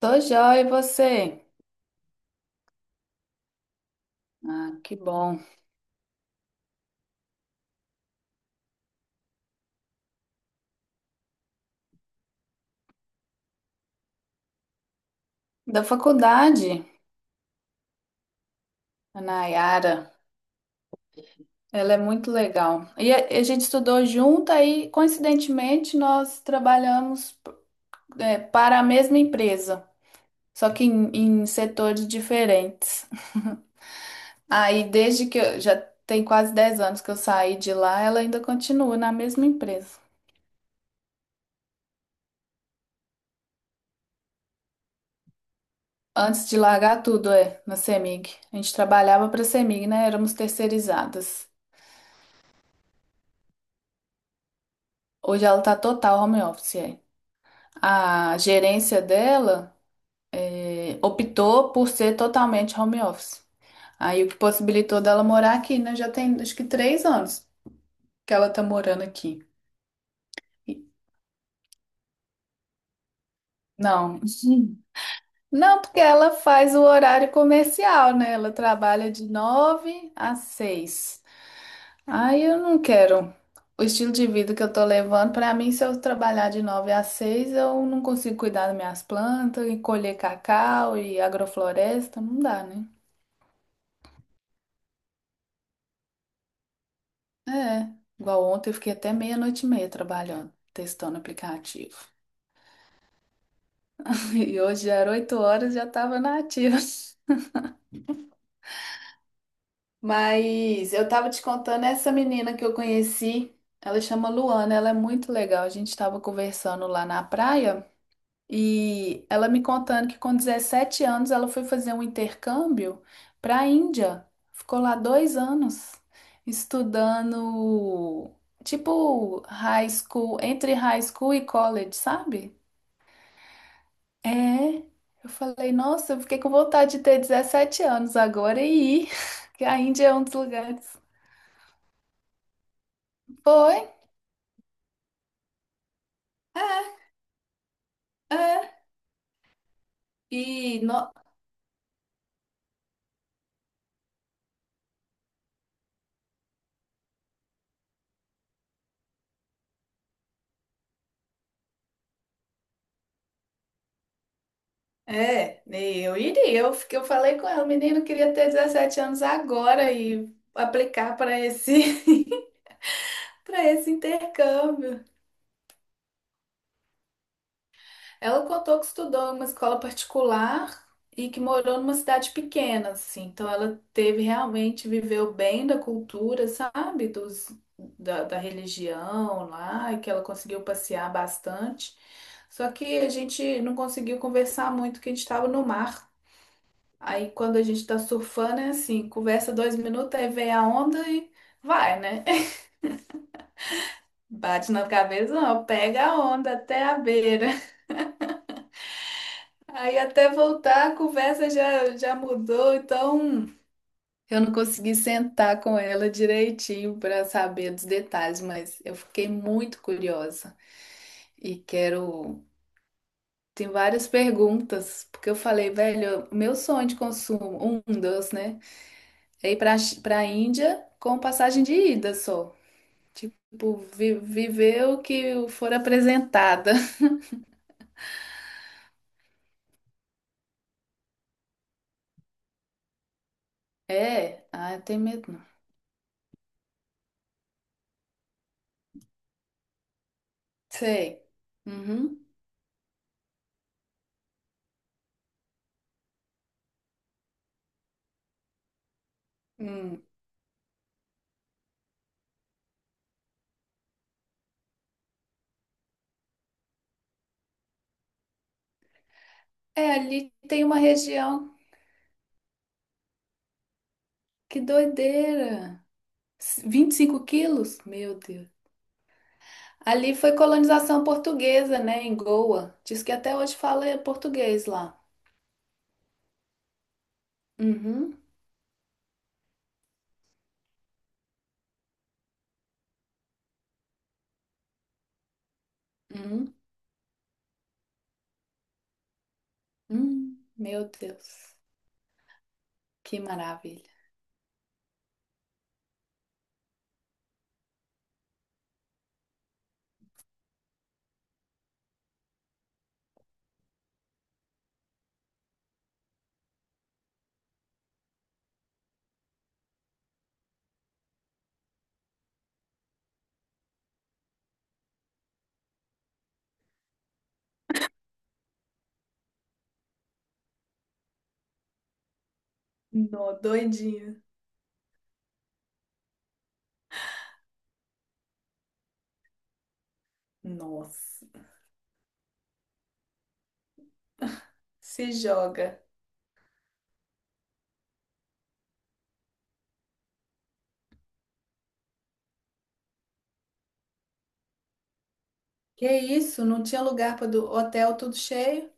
Tô joia, e você? Ah, que bom. Da faculdade, a Nayara, ela é muito legal. E a gente estudou junto, aí, coincidentemente, nós trabalhamos, para a mesma empresa, só que em setores diferentes. Aí, desde que eu já Tem quase 10 anos que eu saí de lá, ela ainda continua na mesma empresa. Antes de largar tudo, na CEMIG. A gente trabalhava para a CEMIG, né? Éramos terceirizadas. Hoje ela tá total home office, é. A gerência dela optou por ser totalmente home office. Aí o que possibilitou dela morar aqui, né? Já tem acho que três anos que ela tá morando aqui. E- Não. Sim. Não, porque ela faz o horário comercial, né? Ela trabalha de nove às seis. Aí eu não quero. O estilo de vida que eu tô levando, pra mim, se eu trabalhar de nove às seis, eu não consigo cuidar das minhas plantas e colher cacau e agrofloresta, não dá, né? É, igual ontem eu fiquei até meia-noite e meia trabalhando, testando o aplicativo. E hoje já era oito horas e já estava na ativa. Mas eu tava te contando essa menina que eu conheci, ela chama Luana, ela é muito legal. A gente estava conversando lá na praia. E ela me contando que com 17 anos ela foi fazer um intercâmbio para a Índia. Ficou lá dois anos estudando, tipo, high school, entre high school e college, sabe? É. Eu falei, nossa, eu fiquei com vontade de ter 17 anos agora e ir, que a Índia é um dos lugares. Foi? É, é. E no- É, nem eu iria. Eu falei com ela, o menino queria ter 17 anos agora e aplicar para esse intercâmbio. Ela contou que estudou em uma escola particular e que morou numa cidade pequena, assim. Então ela teve realmente, viveu bem da cultura, sabe? Da religião lá, e que ela conseguiu passear bastante. Só que a gente não conseguiu conversar muito, que a gente estava no mar. Aí quando a gente tá surfando é assim, conversa dois minutos, aí vem a onda e vai, né? Bate na cabeça, não, pega a onda até a beira. Aí até voltar a conversa já mudou, então eu não consegui sentar com ela direitinho para saber dos detalhes, mas eu fiquei muito curiosa e quero. Tem várias perguntas, porque eu falei, velho, meu sonho de consumo, um dos, né? É ir para Índia com passagem de ida só. Tipo, viver o que for apresentada. É, ah, tem medo não. Sei. Uhum. Hum. É, ali tem uma região. Que doideira! Vinte e cinco quilos? Meu Deus. Ali foi colonização portuguesa, né? Em Goa. Diz que até hoje fala português lá. Uhum. Uhum. Hum. Meu Deus. Que maravilha. Nó, doidinha. Nossa. Se joga. Que isso? Não tinha lugar para do hotel tudo cheio?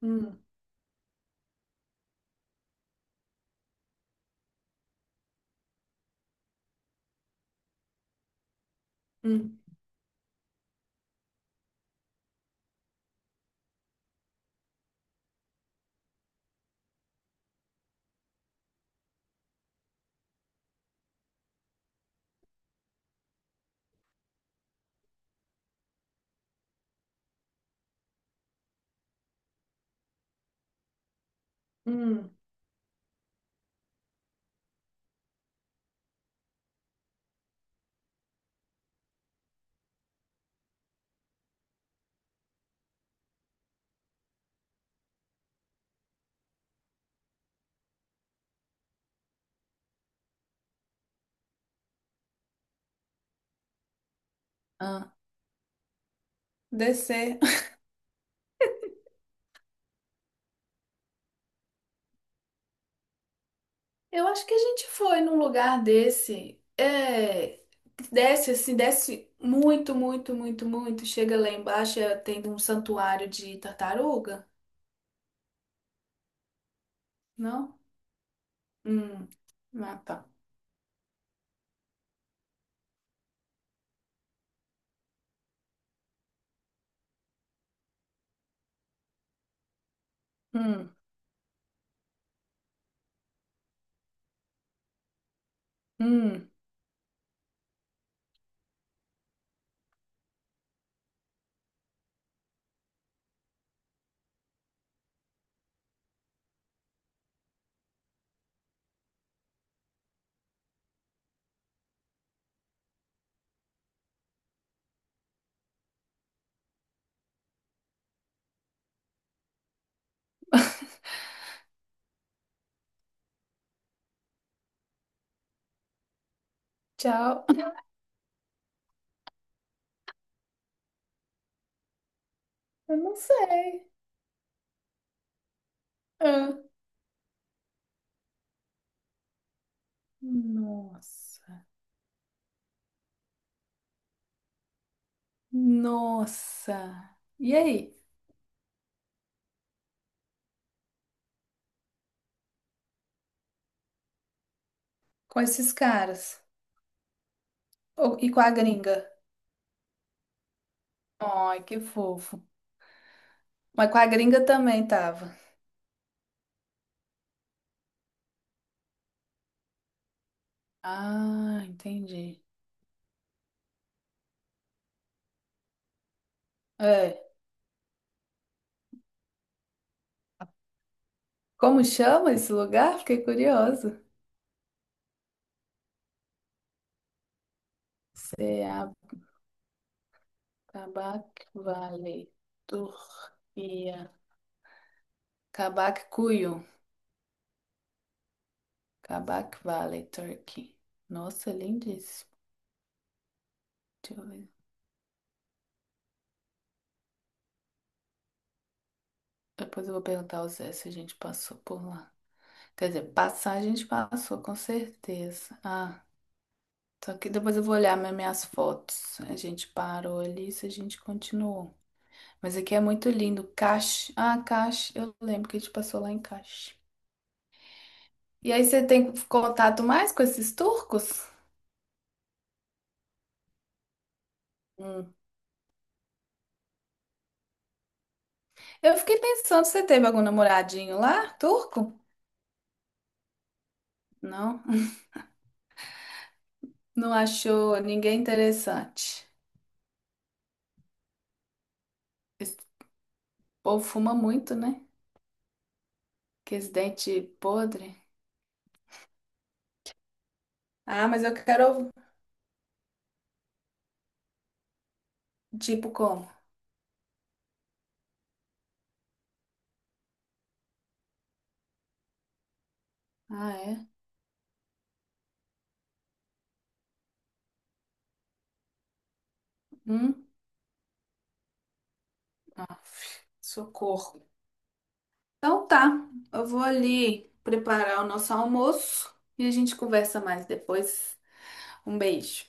Hum, hum, hum. Ah, descer. Eu acho que a gente foi num lugar desse. É, que desce assim, desce muito, muito, muito, muito. Chega lá embaixo, é, tem um santuário de tartaruga, não? Hum, ah, tá. Hum, hum. Tchau. Eu não sei. Ah, nossa, nossa. E aí? Com esses caras? E com a gringa? Ai, que fofo. Mas com a gringa também tava. Ah, entendi. É. Como chama esse lugar? Fiquei curiosa. Ceab- Valley, Turquia. Kabakkuyu. Kabak Valley, Turkey. Nossa, lindíssimo. Deixa eu ver. Depois eu vou perguntar ao Zé se a gente passou por lá. Quer dizer, passar a gente passou, com certeza. Ah, só que depois eu vou olhar minhas fotos. A gente parou ali, se a gente continuou. Mas aqui é muito lindo. Cache. Ah, Cache. Eu lembro que a gente passou lá em Cache. E aí você tem contato mais com esses turcos? Hum. Eu fiquei pensando, você teve algum namoradinho lá, turco? Não. Não achou ninguém interessante. Esse povo fuma muito, né? Que esse dente podre. Ah, mas eu quero, tipo, como? Ah, é? Hum? Aff, socorro. Então tá, eu vou ali preparar o nosso almoço e a gente conversa mais depois. Um beijo.